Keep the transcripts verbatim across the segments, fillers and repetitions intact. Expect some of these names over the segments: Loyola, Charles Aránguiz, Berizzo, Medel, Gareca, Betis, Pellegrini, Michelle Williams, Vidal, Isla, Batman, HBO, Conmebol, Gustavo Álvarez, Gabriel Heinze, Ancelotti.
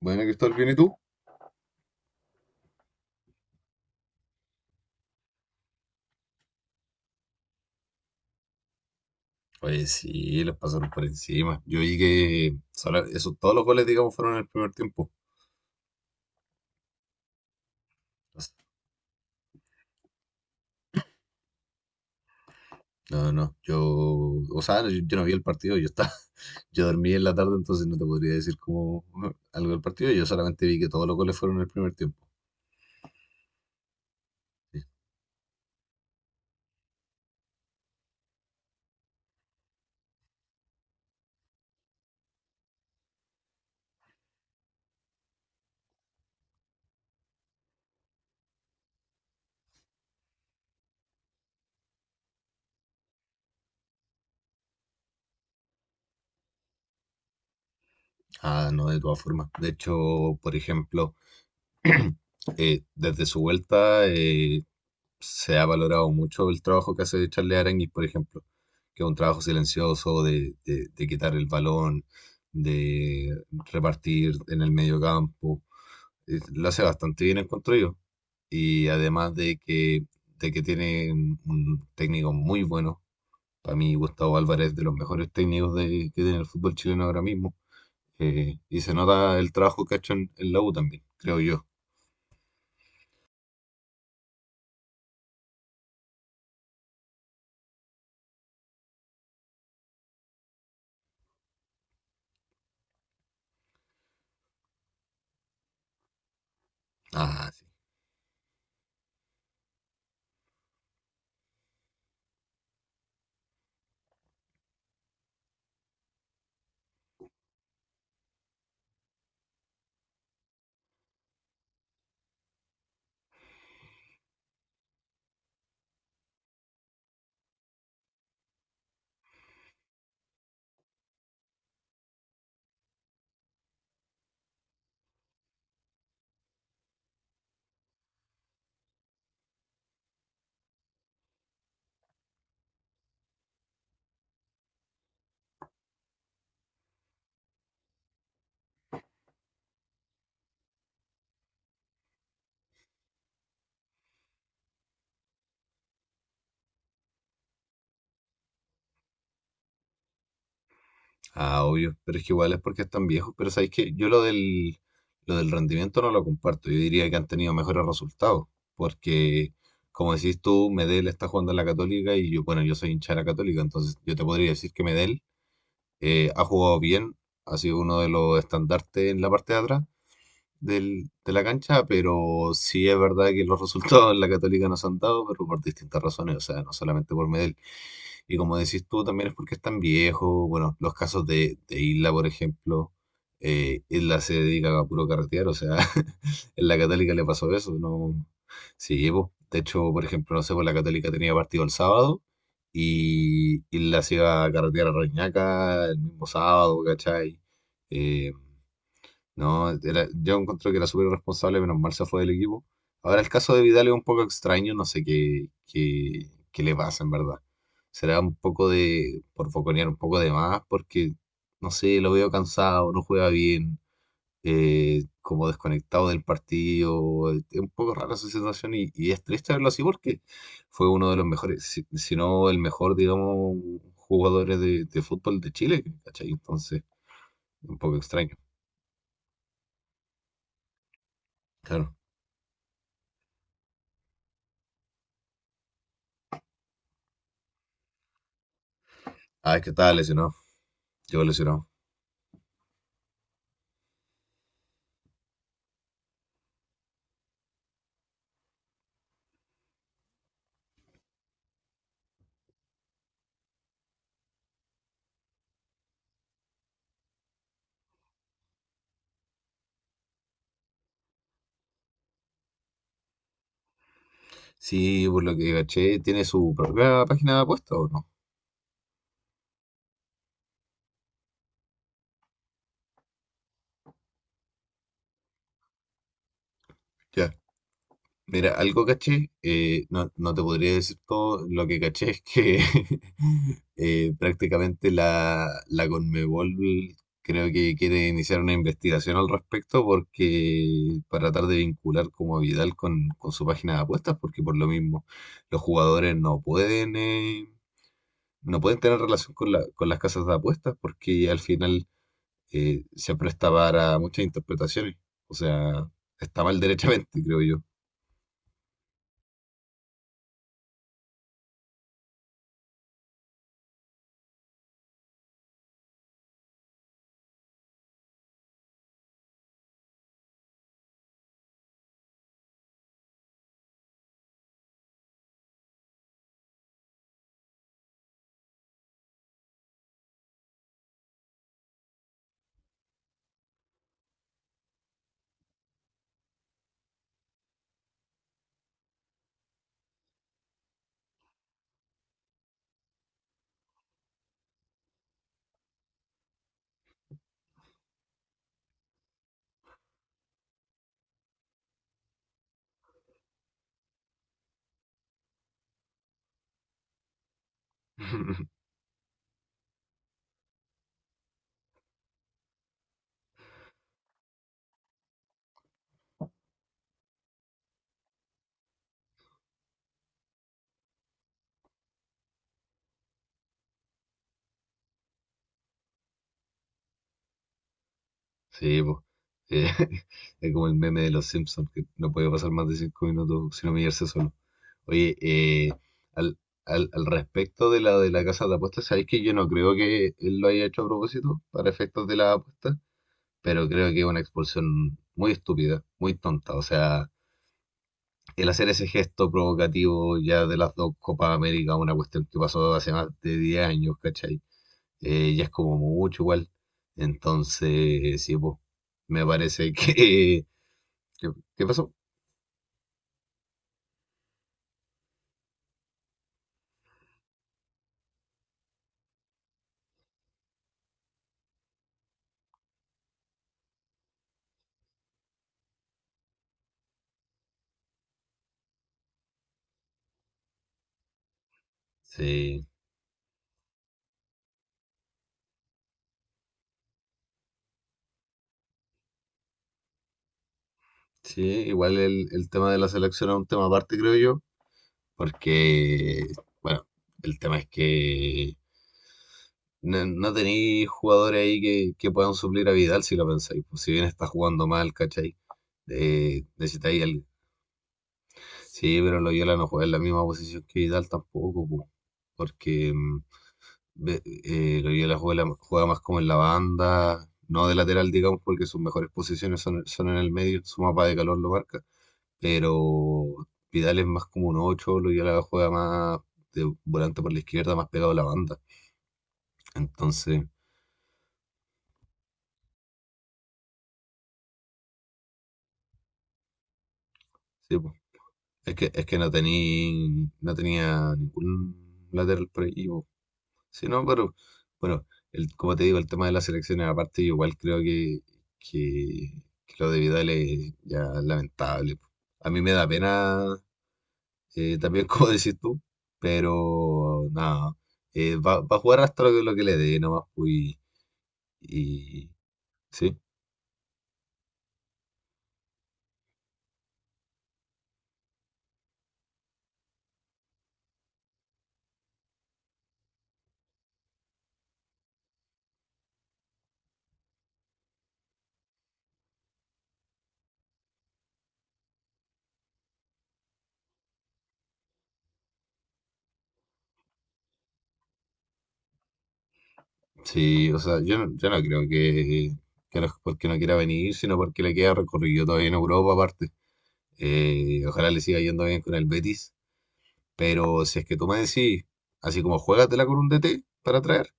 Bueno, Cristóbal, ¿bien y tú? Oye, sí, les pasaron por encima. Yo vi que solo- eso, todos los goles, digamos, fueron en el primer tiempo. No, no, yo, o sea, yo, yo no vi el partido, yo estaba, yo dormí en la tarde, entonces no te podría decir como algo del partido, yo solamente vi que todos los goles fueron en el primer tiempo. Sí. Ah, no, de todas formas. De hecho, por ejemplo, eh, desde su vuelta, eh, se ha valorado mucho el trabajo que hace Charles Aránguiz, por ejemplo, que es un trabajo silencioso de, de- de quitar el balón, de repartir en el medio campo. Es- Lo hace bastante bien, encuentro yo. Y además de que, de que tiene un un técnico muy bueno. Para mí, Gustavo Álvarez, de los mejores técnicos de- que tiene el fútbol chileno ahora mismo. Eh, y se nota el trabajo que ha hecho en, en la U también, creo yo. Ah, Ah, obvio, pero es que igual es porque están viejos. Pero sabéis que yo lo del, lo del rendimiento no lo comparto. Yo diría que han tenido mejores resultados. Porque, como decís tú, Medel está jugando en la Católica y yo, bueno, yo soy hincha de la Católica, entonces yo te podría decir que Medel eh, ha jugado bien, ha sido uno de los estandartes en la parte de atrás del, de la cancha, pero sí es verdad que los resultados en la Católica nos han dado, pero por distintas razones, o sea, no solamente por Medel. Y como decís tú, también es porque están viejos. Bueno, los casos de, de Isla, por ejemplo, eh, Isla se dedica a puro carretear, o sea, en la Católica le pasó eso, no. Sí, pues, de hecho, por ejemplo, no sé, pues la Católica tenía partido el sábado y Isla se iba a carretear a Reñaca el mismo sábado, ¿cachai? Eh, no, era- Yo encontré que era súper irresponsable, menos mal se fue del equipo. Ahora el caso de Vidal es un poco extraño, no sé qué, qué, qué le pasa en verdad. Será un poco de, por foconear un poco de más, porque, no sé, lo veo cansado, no juega bien, eh, como desconectado del partido. Es un poco rara su situación y, y es triste verlo así porque fue uno de los mejores, si, si no el mejor, digamos, jugadores de, de fútbol de Chile, ¿cachai? Entonces, un poco extraño. Claro. Ah, es que estaba lesionado. ¿Qué lesionado? Sí, por lo que caché, tiene su propia página de apuestas o no. Ya. Mira, algo caché, eh, no, no te podría decir todo, lo que caché es que eh, prácticamente la, la Conmebol creo que quiere iniciar una investigación al respecto porque para tratar de vincular como a Vidal con, con su página de apuestas, porque por lo mismo los jugadores no pueden, eh, no pueden tener relación con la- con las casas de apuestas porque al final eh, se presta para muchas interpretaciones. O sea, está mal derechamente, creo yo. Sí, pues. Eh, es como el meme de los Simpsons, que no puede pasar más de cinco minutos sin humillarse solo. Oye, eh, al, al, al respecto de la de la casa de apuestas, sabéis que yo no creo que él lo haya hecho a propósito para efectos de la apuesta, pero creo que es una expulsión muy estúpida, muy tonta. O sea, el hacer ese gesto provocativo ya de las dos Copas América, una cuestión que pasó hace más de diez años, ¿cachai? Eh, ya es como mucho igual. Entonces, sí, pues, me parece que... ¿Qué, qué pasó? Sí, sí, igual el, el tema de la selección es un tema aparte, creo yo, porque, bueno, el tema es que no, no tenéis jugadores ahí que, que puedan suplir a Vidal si lo pensáis, pues, si bien está jugando mal, ¿cachai? Eh, necesitáis al- Sí, pero Loyola no juega en la misma posición que Vidal tampoco, po, porque mm, ve- eh, Loyola juega, la- juega más como en la banda, no de lateral, digamos, porque sus mejores posiciones son, son en el medio, su mapa de calor lo marca, pero Vidal es más como un ocho, Loyola juega más de volante por la izquierda, más pegado a la banda. Entonces, sí, po, es que, es que no, tení, no tenía ningún lateral por ahí. Sí, no, pero bueno, el, como te digo, el tema de las elecciones, aparte, yo igual creo que, que, que lo de Vidal es ya lamentable, po. A mí me da pena eh, también, como decís tú, pero nada, eh, va, va a jugar hasta lo que, lo que le dé, nomás, pues, y, y sí, sí, o sea, yo no, yo no creo que, que no es porque no quiera venir, sino porque le queda recorrido todavía en Europa, aparte. Eh, ojalá le siga yendo bien con el Betis. Pero si es que tú me decís, así como juégatela con un D T para traer,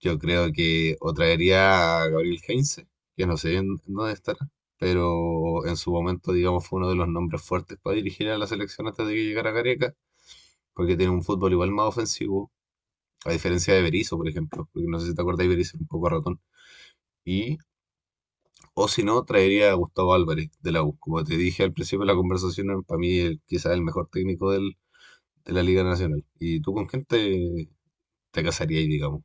yo creo que o traería a Gabriel Heinze, que no sé en en dónde estará, pero en su momento, digamos, fue uno de los nombres fuertes para dirigir a la selección antes de que llegara Gareca, porque tiene un fútbol igual más ofensivo, a diferencia de Berizzo, por ejemplo, porque no sé si te acuerdas, de Berizzo un poco ratón. Y, o si no, traería a Gustavo Álvarez de la U. Como te dije al principio de la conversación, para mí el- quizás el mejor técnico del, de la Liga Nacional. ¿Y tú con quién te te casarías, digamos?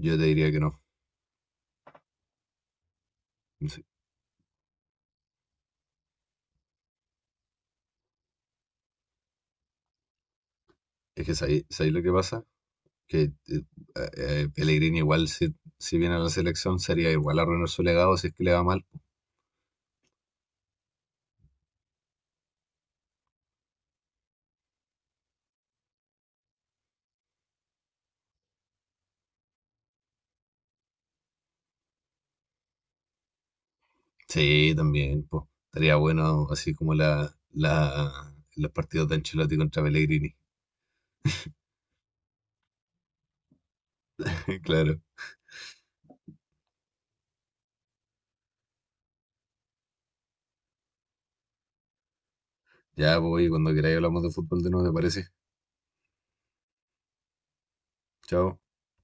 Yo te diría que no. Sí. Es que sabéis sabéis lo que pasa, que eh, eh, Pellegrini igual si, si viene a la selección sería igual arruinar su legado si es que le va mal. Sí, también, pues. Estaría bueno así como la, la, los partidos de Ancelotti contra Pellegrini. Claro. Ya, voy, cuando queráis hablamos de fútbol de nuevo, ¿te parece? Chao.